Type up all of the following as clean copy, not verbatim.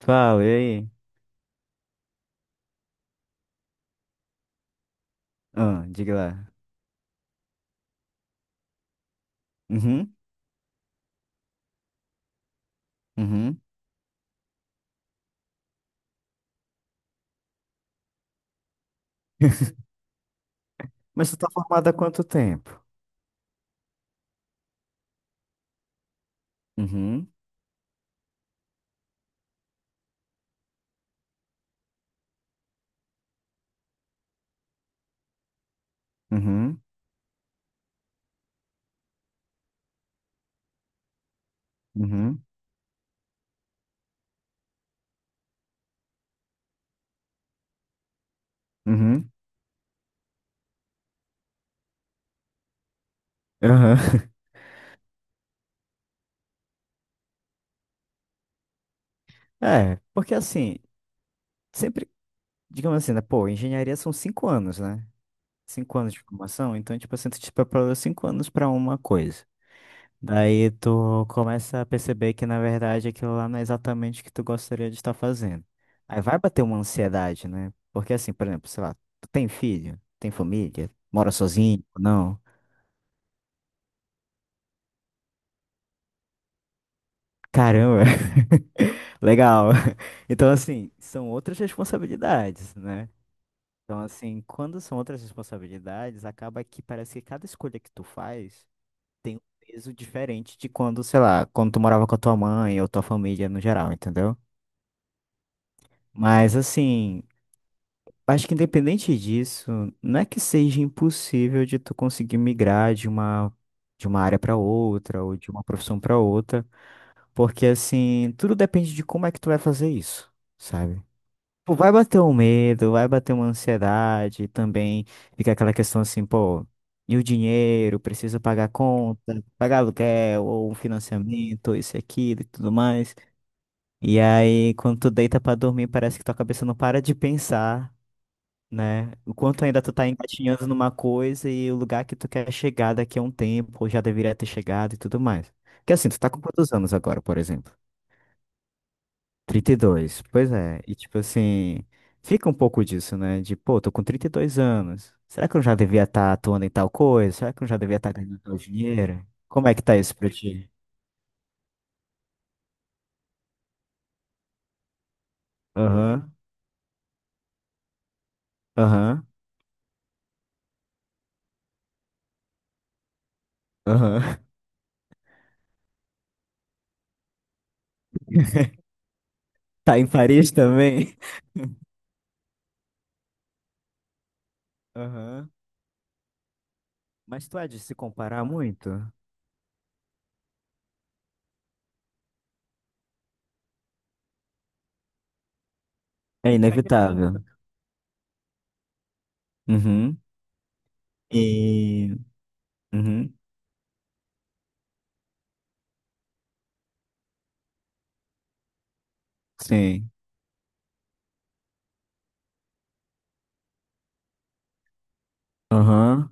Fala, e aí? Ah, diga lá. Uhum, uhum. Mas tu tá formada há quanto tempo? Uhum, uhum, uhum, uhum, aham. É, porque assim, sempre, digamos assim, né? Pô, engenharia são 5 anos, né? 5 anos de formação, então, tipo assim, tu te preparou 5 anos pra uma coisa. Daí tu começa a perceber que, na verdade, aquilo lá não é exatamente o que tu gostaria de estar fazendo. Aí vai bater uma ansiedade, né? Porque assim, por exemplo, sei lá, tu tem filho, tem família, mora sozinho, não? Caramba, legal. Então, assim, são outras responsabilidades, né? Então, assim, quando são outras responsabilidades, acaba que parece que cada escolha que tu faz tem um peso diferente de quando, sei lá, quando tu morava com a tua mãe ou tua família no geral, entendeu? Mas assim. Acho que independente disso, não é que seja impossível de tu conseguir migrar de uma área para outra ou de uma profissão para outra, porque assim, tudo depende de como é que tu vai fazer isso, sabe? Pô, vai bater um medo, vai bater uma ansiedade, também fica aquela questão assim, pô, e o dinheiro, preciso pagar conta, pagar aluguel ou um financiamento, isso e aquilo e tudo mais. E aí, quando tu deita pra dormir, parece que tua cabeça não para de pensar, né? O quanto ainda tu tá engatinhando numa coisa e o lugar que tu quer chegar daqui a um tempo, ou já deveria ter chegado e tudo mais. Porque assim, tu tá com quantos anos agora, por exemplo? 32. Pois é, e tipo assim, fica um pouco disso, né? De, pô, tô com 32 anos. Será que eu já devia estar atuando em tal coisa? Será que eu já devia estar ganhando tal dinheiro? Como é que tá isso pra ti? Aham, aham, aham. Tá em Paris também? Aham. Mas tu há de se comparar muito? É inevitável. Uhum. E. Uhum. Sim. Aham.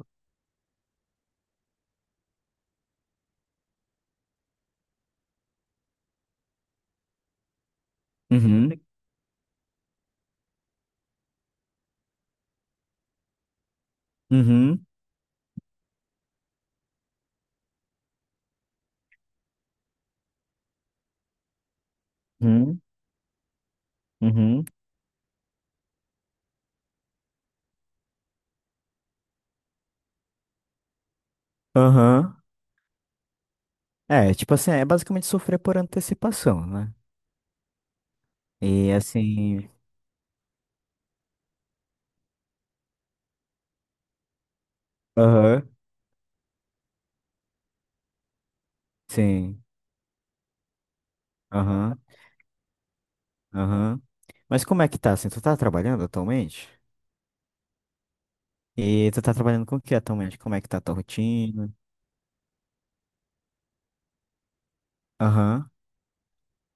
Uhum. Uhum. Uhum. Uhum. Aham. É, tipo assim, é basicamente sofrer por antecipação, né? E assim. Aham. Sim. Aham. Aham. Mas como é que tá, assim? Tu tá trabalhando atualmente? E tu tá trabalhando com o que atualmente? Como é que tá a tua rotina? Aham.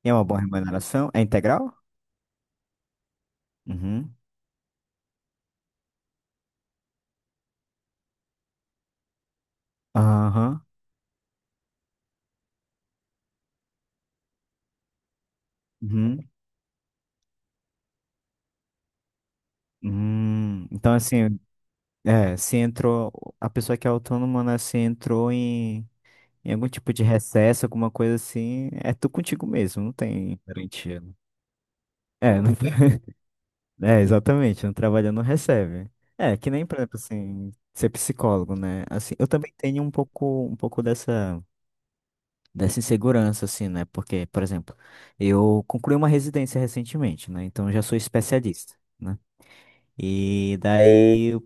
E é uma boa remuneração? É integral? Uhum. Aham. Uhum. Hum. Então, assim. É, se entrou, a pessoa que é autônoma, né, se entrou em, algum tipo de recesso, alguma coisa assim, é tu contigo mesmo, não tem garantia, né? É, é, exatamente, não trabalha, não recebe. É, que nem, por exemplo, assim, ser psicólogo, né? Assim, eu também tenho um pouco dessa insegurança, assim, né? Porque, por exemplo, eu concluí uma residência recentemente, né? Então eu já sou especialista, né? E daí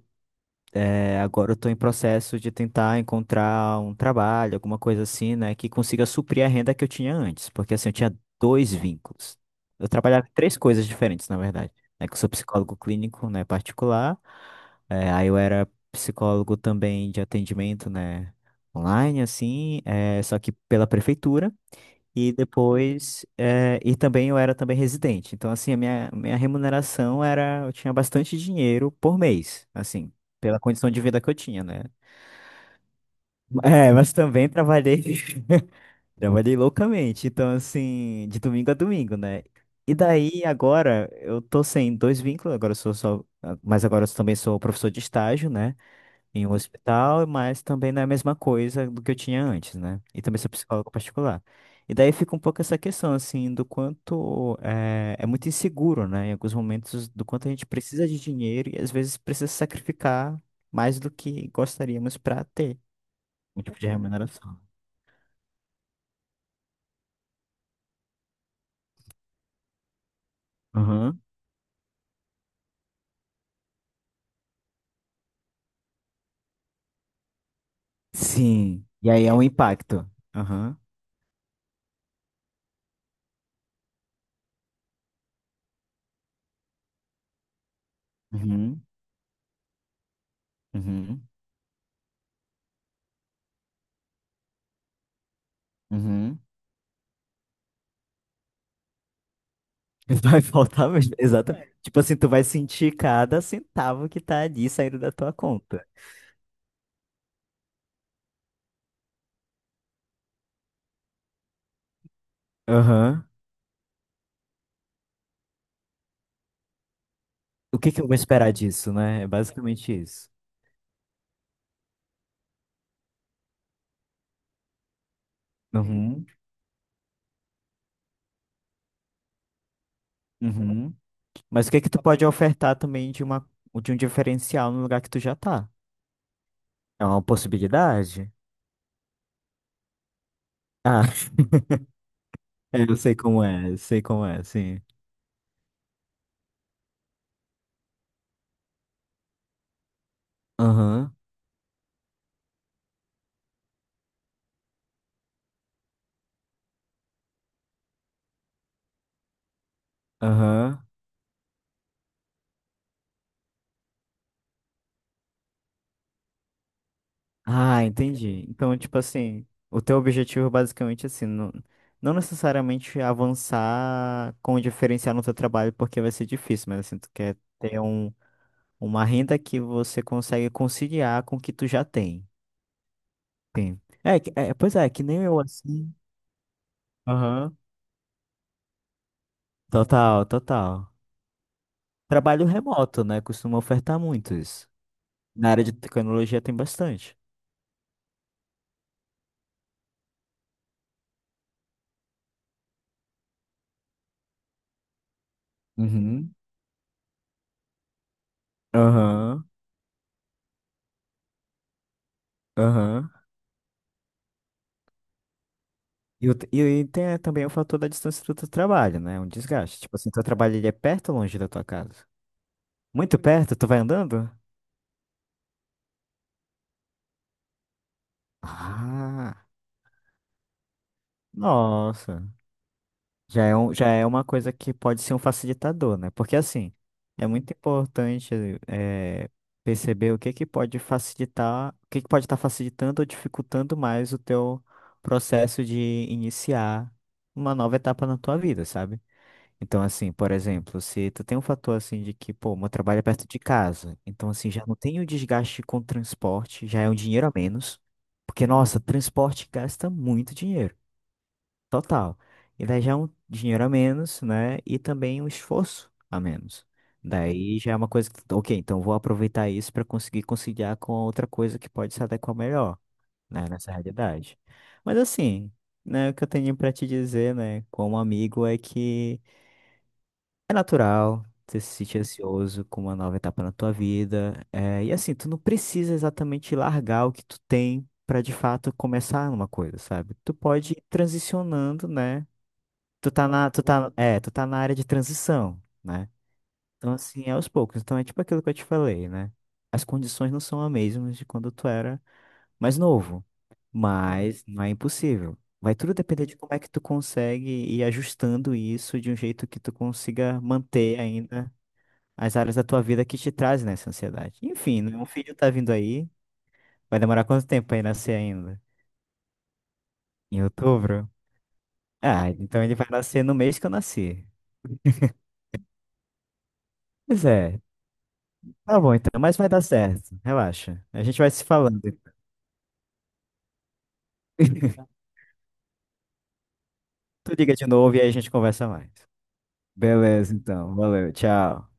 é, agora eu estou em processo de tentar encontrar um trabalho, alguma coisa assim, né, que consiga suprir a renda que eu tinha antes, porque assim, eu tinha dois vínculos. Eu trabalhava em três coisas diferentes, na verdade, né, que eu sou psicólogo clínico, né, particular, é, aí eu era psicólogo também de atendimento, né, online, assim, é, só que pela prefeitura, e depois, e também eu era também residente. Então, assim, a minha remuneração era, eu tinha bastante dinheiro por mês, assim, pela condição de vida que eu tinha, né? É, mas também trabalhei, trabalhei loucamente. Então, assim, de domingo a domingo, né? E daí, agora, eu tô sem dois vínculos, agora eu sou só, ah, mas agora eu também sou professor de estágio, né? Em um hospital, mas também não é a mesma coisa do que eu tinha antes, né? E também sou psicólogo particular. E daí fica um pouco essa questão, assim, do quanto é, é muito inseguro, né? Em alguns momentos, do quanto a gente precisa de dinheiro e às vezes precisa sacrificar mais do que gostaríamos para ter um tipo de remuneração. Aham. Sim. E aí é um impacto. Aham. Uhum. Uhum. Uhum. Vai faltar mesmo. Exatamente. Tipo assim, tu vai sentir cada centavo que tá ali saindo da tua conta. Aham. O que que eu vou esperar disso, né? É basicamente isso. Uhum. Uhum. Mas o que que tu pode ofertar também de uma, de um diferencial no lugar que tu já tá? É uma possibilidade? Ah, é, eu sei como é, eu sei como é, sim. Aham, aham. Ah, entendi. Então, tipo assim, o teu objetivo é basicamente assim, não, não necessariamente avançar com o diferencial no teu trabalho, porque vai ser difícil, mas assim, tu quer ter um uma renda que você consegue conciliar com o que tu já tem. Sim. É, que- é, pois é, que nem eu assim. Aham. Total, total. Trabalho remoto, né? Costuma ofertar muito isso. Na área de tecnologia tem bastante. Uhum. Aham, aham. E tem também o fator da distância do teu trabalho, né? Um desgaste. Tipo assim, teu trabalho ele é perto ou longe da tua casa? Muito perto? Tu vai andando? Ah, nossa. Já é uma coisa que pode ser um facilitador, né? Porque, assim, é muito importante eh, perceber o que que pode facilitar, o que que pode estar facilitando ou dificultando mais o teu processo de iniciar uma nova etapa na tua vida, sabe? Então, assim, por exemplo, se tu tem um fator, assim, de que, pô, meu trabalho é perto de casa, então, assim, já não tem o desgaste com transporte, já é um dinheiro a menos, porque, nossa, transporte gasta muito dinheiro. Total. E daí já é um dinheiro a menos, né? E também um esforço a menos. Daí já é uma coisa que, ok, então vou aproveitar isso para conseguir conciliar com outra coisa que pode se adequar melhor, né? Nessa realidade. Mas assim, né? O que eu tenho para te dizer, né? Como amigo, é que é natural você se sentir ansioso com uma nova etapa na tua vida. É, e assim, tu não precisa exatamente largar o que tu tem para de fato começar uma coisa, sabe? Tu pode ir transicionando, né? Tu tá na área de transição, né? Então, assim, é aos poucos. Então, é tipo aquilo que eu te falei, né? As condições não são as mesmas de quando tu era mais novo, mas não é impossível. Vai tudo depender de como é que tu consegue ir ajustando isso de um jeito que tu consiga manter ainda as áreas da tua vida que te trazem essa ansiedade. Enfim, né? Um filho tá vindo aí, vai demorar quanto tempo pra ele nascer ainda? Em outubro? Ah, então ele vai nascer no mês que eu nasci. Pois é, tá bom, então, mas vai dar certo. Relaxa. A gente vai se falando. Tu liga de novo e aí a gente conversa mais. Beleza, então. Valeu, tchau.